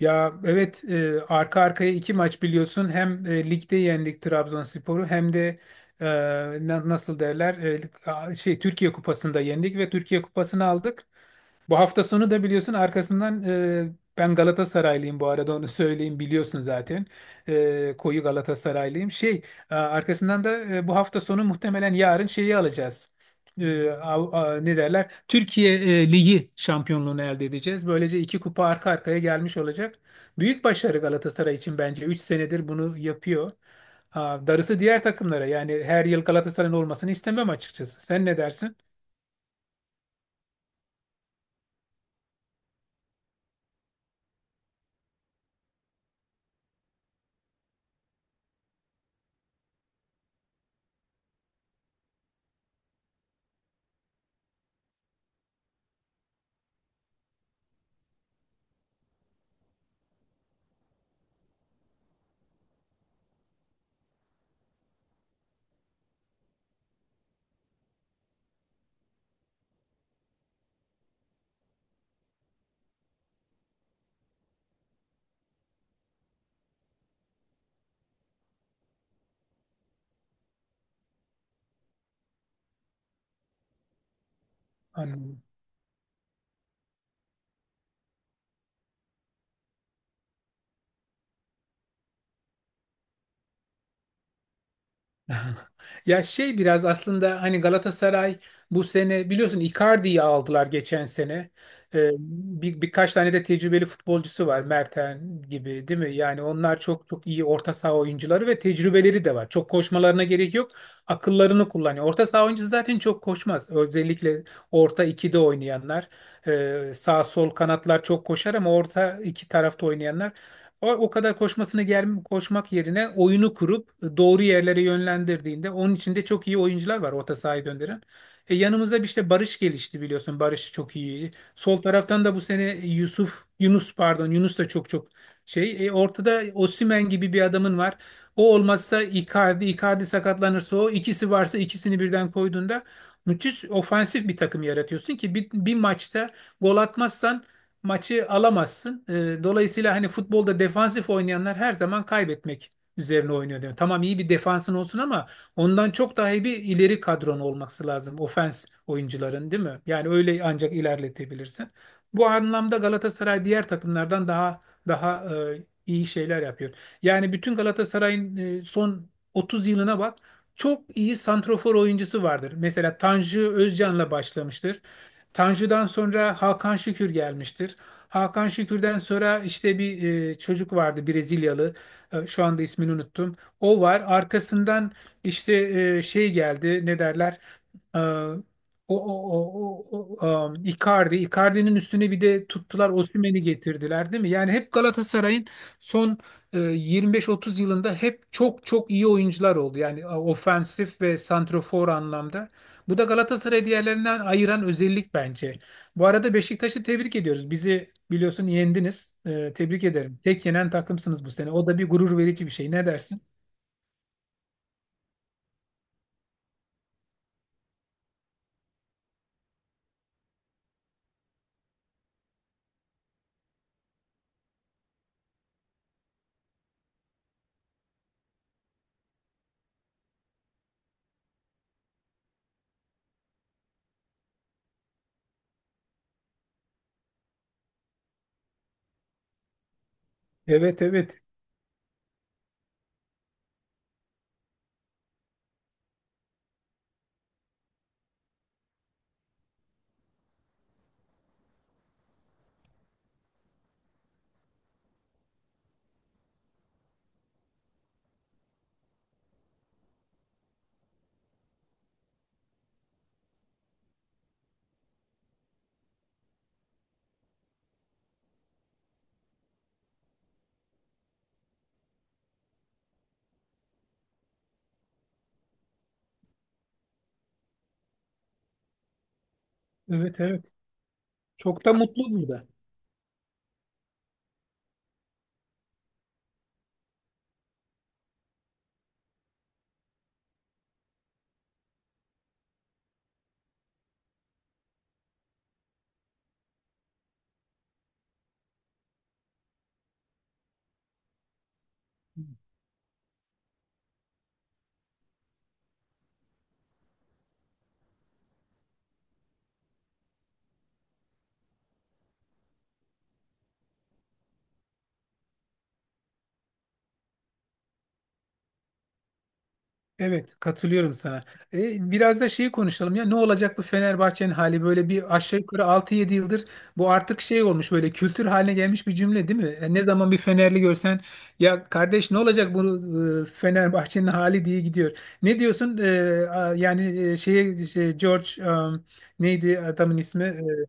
Ya, evet, arka arkaya iki maç biliyorsun. Hem ligde yendik Trabzonspor'u, hem de e, nasıl derler, Türkiye Kupası'nda yendik ve Türkiye Kupası'nı aldık. Bu hafta sonu da biliyorsun arkasından, ben Galatasaraylıyım bu arada onu söyleyeyim, biliyorsun zaten. Koyu Galatasaraylıyım. Arkasından da bu hafta sonu muhtemelen yarın şeyi alacağız, ne derler, Türkiye Ligi şampiyonluğunu elde edeceğiz. Böylece iki kupa arka arkaya gelmiş olacak. Büyük başarı Galatasaray için, bence. Üç senedir bunu yapıyor. Ha, darısı diğer takımlara. Yani her yıl Galatasaray'ın olmasını istemem, açıkçası. Sen ne dersin? Anladım. Ya, şey, biraz aslında hani Galatasaray bu sene biliyorsun Icardi'yi aldılar geçen sene. Ee, Birkaç tane de tecrübeli futbolcusu var, Merten gibi, değil mi? Yani onlar çok çok iyi orta saha oyuncuları ve tecrübeleri de var. Çok koşmalarına gerek yok. Akıllarını kullanıyor. Orta saha oyuncusu zaten çok koşmaz. Özellikle orta ikide oynayanlar. Sağ sol kanatlar çok koşar ama orta iki tarafta oynayanlar o kadar koşmak yerine oyunu kurup doğru yerlere yönlendirdiğinde, onun içinde çok iyi oyuncular var orta sahaya gönderen. Yanımıza bir işte Barış gelişti, biliyorsun. Barış çok iyi. Sol taraftan da bu sene Yusuf, Yunus pardon Yunus da çok çok şey. Ortada Osimhen gibi bir adamın var. O olmazsa Icardi, Icardi sakatlanırsa o ikisi varsa ikisini birden koyduğunda müthiş ofansif bir takım yaratıyorsun ki bir maçta gol atmazsan maçı alamazsın. Dolayısıyla hani futbolda defansif oynayanlar her zaman kaybetmek üzerine oynuyor diyor. Tamam, iyi bir defansın olsun ama ondan çok daha iyi bir ileri kadron olması lazım. Ofens oyuncuların, değil mi? Yani öyle ancak ilerletebilirsin. Bu anlamda Galatasaray diğer takımlardan daha iyi şeyler yapıyor. Yani bütün Galatasaray'ın son 30 yılına bak. Çok iyi santrofor oyuncusu vardır. Mesela Tanju Özcan'la başlamıştır. Tanju'dan sonra Hakan Şükür gelmiştir. Hakan Şükür'den sonra işte bir çocuk vardı, Brezilyalı. Şu anda ismini unuttum. O var. Arkasından işte şey geldi. Ne derler? Icardi. Icardi'nin üstüne bir de tuttular, Osimhen'i getirdiler, değil mi? Yani hep Galatasaray'ın son 25-30 yılında hep çok çok iyi oyuncular oldu. Yani ofensif ve santrofor anlamda. Bu da Galatasaray'ı diğerlerinden ayıran özellik, bence. Bu arada Beşiktaş'ı tebrik ediyoruz. Bizi biliyorsun yendiniz. Tebrik ederim. Tek yenen takımsınız bu sene. O da bir gurur verici bir şey. Ne dersin? Evet, evet. Evet, evet. Çok da mutlu burada. Evet, katılıyorum sana. Biraz da şeyi konuşalım ya. Ne olacak bu Fenerbahçe'nin hali? Böyle bir aşağı yukarı 6-7 yıldır bu artık şey olmuş, böyle kültür haline gelmiş bir cümle, değil mi? Ne zaman bir Fenerli görsen, ya kardeş ne olacak bu Fenerbahçe'nin hali diye gidiyor. Ne diyorsun? Yani şeye şey, George, neydi adamın ismi?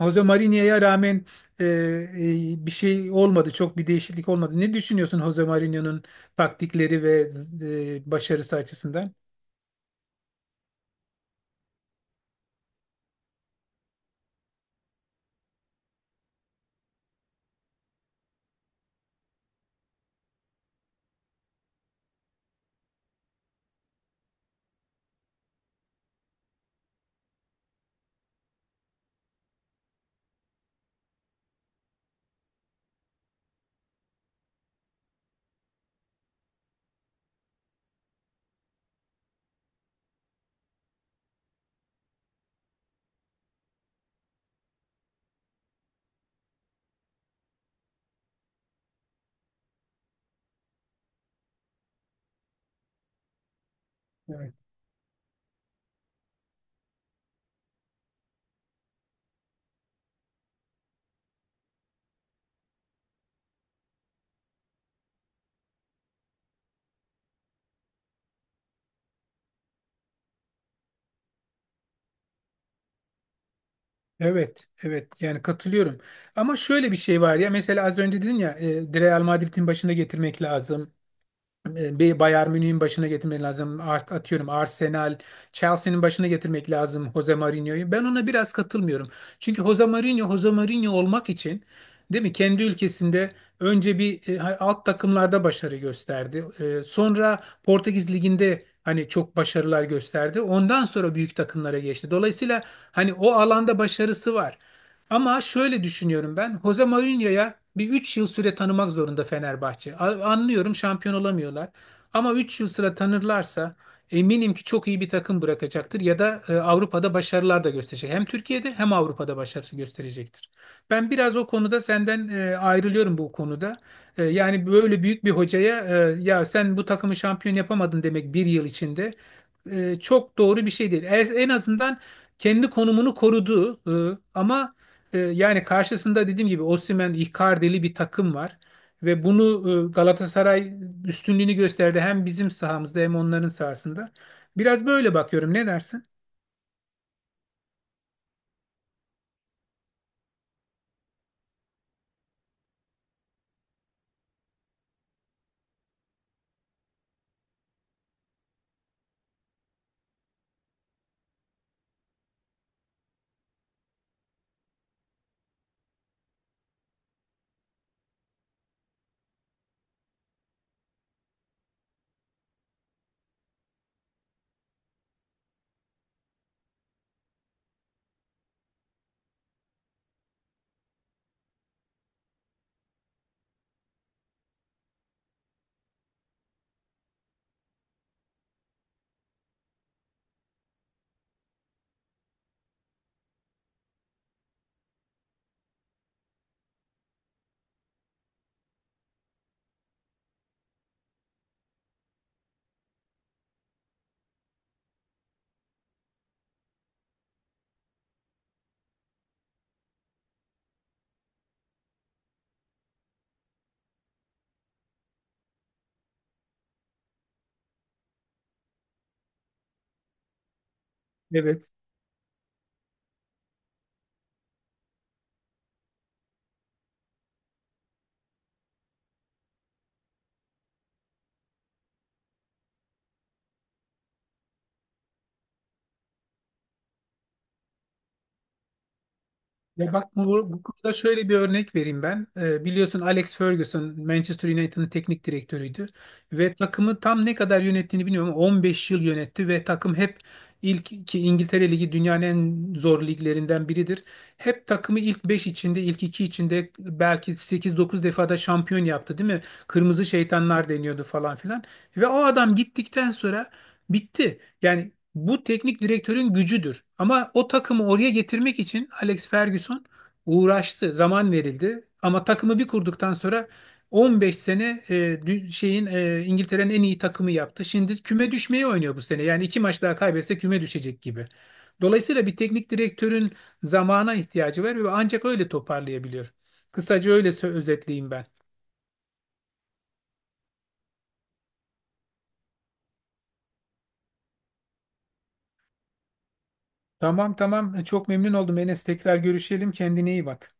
Jose Mourinho'ya rağmen bir şey olmadı. Çok bir değişiklik olmadı. Ne düşünüyorsun Jose Mourinho'nun taktikleri ve başarısı açısından? Evet. Evet, evet. Yani katılıyorum. Ama şöyle bir şey var ya, mesela az önce dedin ya, Real Madrid'in başına getirmek lazım. Bayern Münih'in başına getirmek lazım. Art atıyorum, Arsenal, Chelsea'nin başına getirmek lazım Jose Mourinho'yu. Ben ona biraz katılmıyorum. Çünkü Jose Mourinho, Jose Mourinho olmak için, değil mi? Kendi ülkesinde önce bir alt takımlarda başarı gösterdi. Sonra Portekiz Ligi'nde hani çok başarılar gösterdi. Ondan sonra büyük takımlara geçti. Dolayısıyla hani o alanda başarısı var. Ama şöyle düşünüyorum ben. Jose Mourinho'ya bir 3 yıl süre tanımak zorunda Fenerbahçe. Anlıyorum, şampiyon olamıyorlar. Ama 3 yıl süre tanırlarsa eminim ki çok iyi bir takım bırakacaktır ya da Avrupa'da başarılar da gösterecek. Hem Türkiye'de hem Avrupa'da başarısı gösterecektir. Ben biraz o konuda senden ayrılıyorum bu konuda. Yani böyle büyük bir hocaya ya sen bu takımı şampiyon yapamadın demek bir yıl içinde çok doğru bir şey değil. En azından kendi konumunu korudu, ama yani karşısında dediğim gibi Osimhen, Icardi'li bir takım var. Ve bunu Galatasaray üstünlüğünü gösterdi, hem bizim sahamızda hem onların sahasında. Biraz böyle bakıyorum. Ne dersin? Evet. Ya bak, bu konuda şöyle bir örnek vereyim ben. Biliyorsun Alex Ferguson Manchester United'ın teknik direktörüydü ve takımı tam ne kadar yönettiğini bilmiyorum ama 15 yıl yönetti ve takım hep ilk; ki İngiltere Ligi dünyanın en zor liglerinden biridir. Hep takımı ilk 5 içinde, ilk 2 içinde belki sekiz dokuz defada şampiyon yaptı, değil mi? Kırmızı şeytanlar deniyordu falan filan. Ve o adam gittikten sonra bitti. Yani bu teknik direktörün gücüdür. Ama o takımı oraya getirmek için Alex Ferguson uğraştı, zaman verildi. Ama takımı bir kurduktan sonra 15 sene İngiltere'nin en iyi takımı yaptı. Şimdi küme düşmeye oynuyor bu sene. Yani iki maç daha kaybetse küme düşecek gibi. Dolayısıyla bir teknik direktörün zamana ihtiyacı var ve ancak öyle toparlayabiliyor. Kısaca öyle özetleyeyim ben. Tamam, tamam, çok memnun oldum Enes. Tekrar görüşelim. Kendine iyi bak.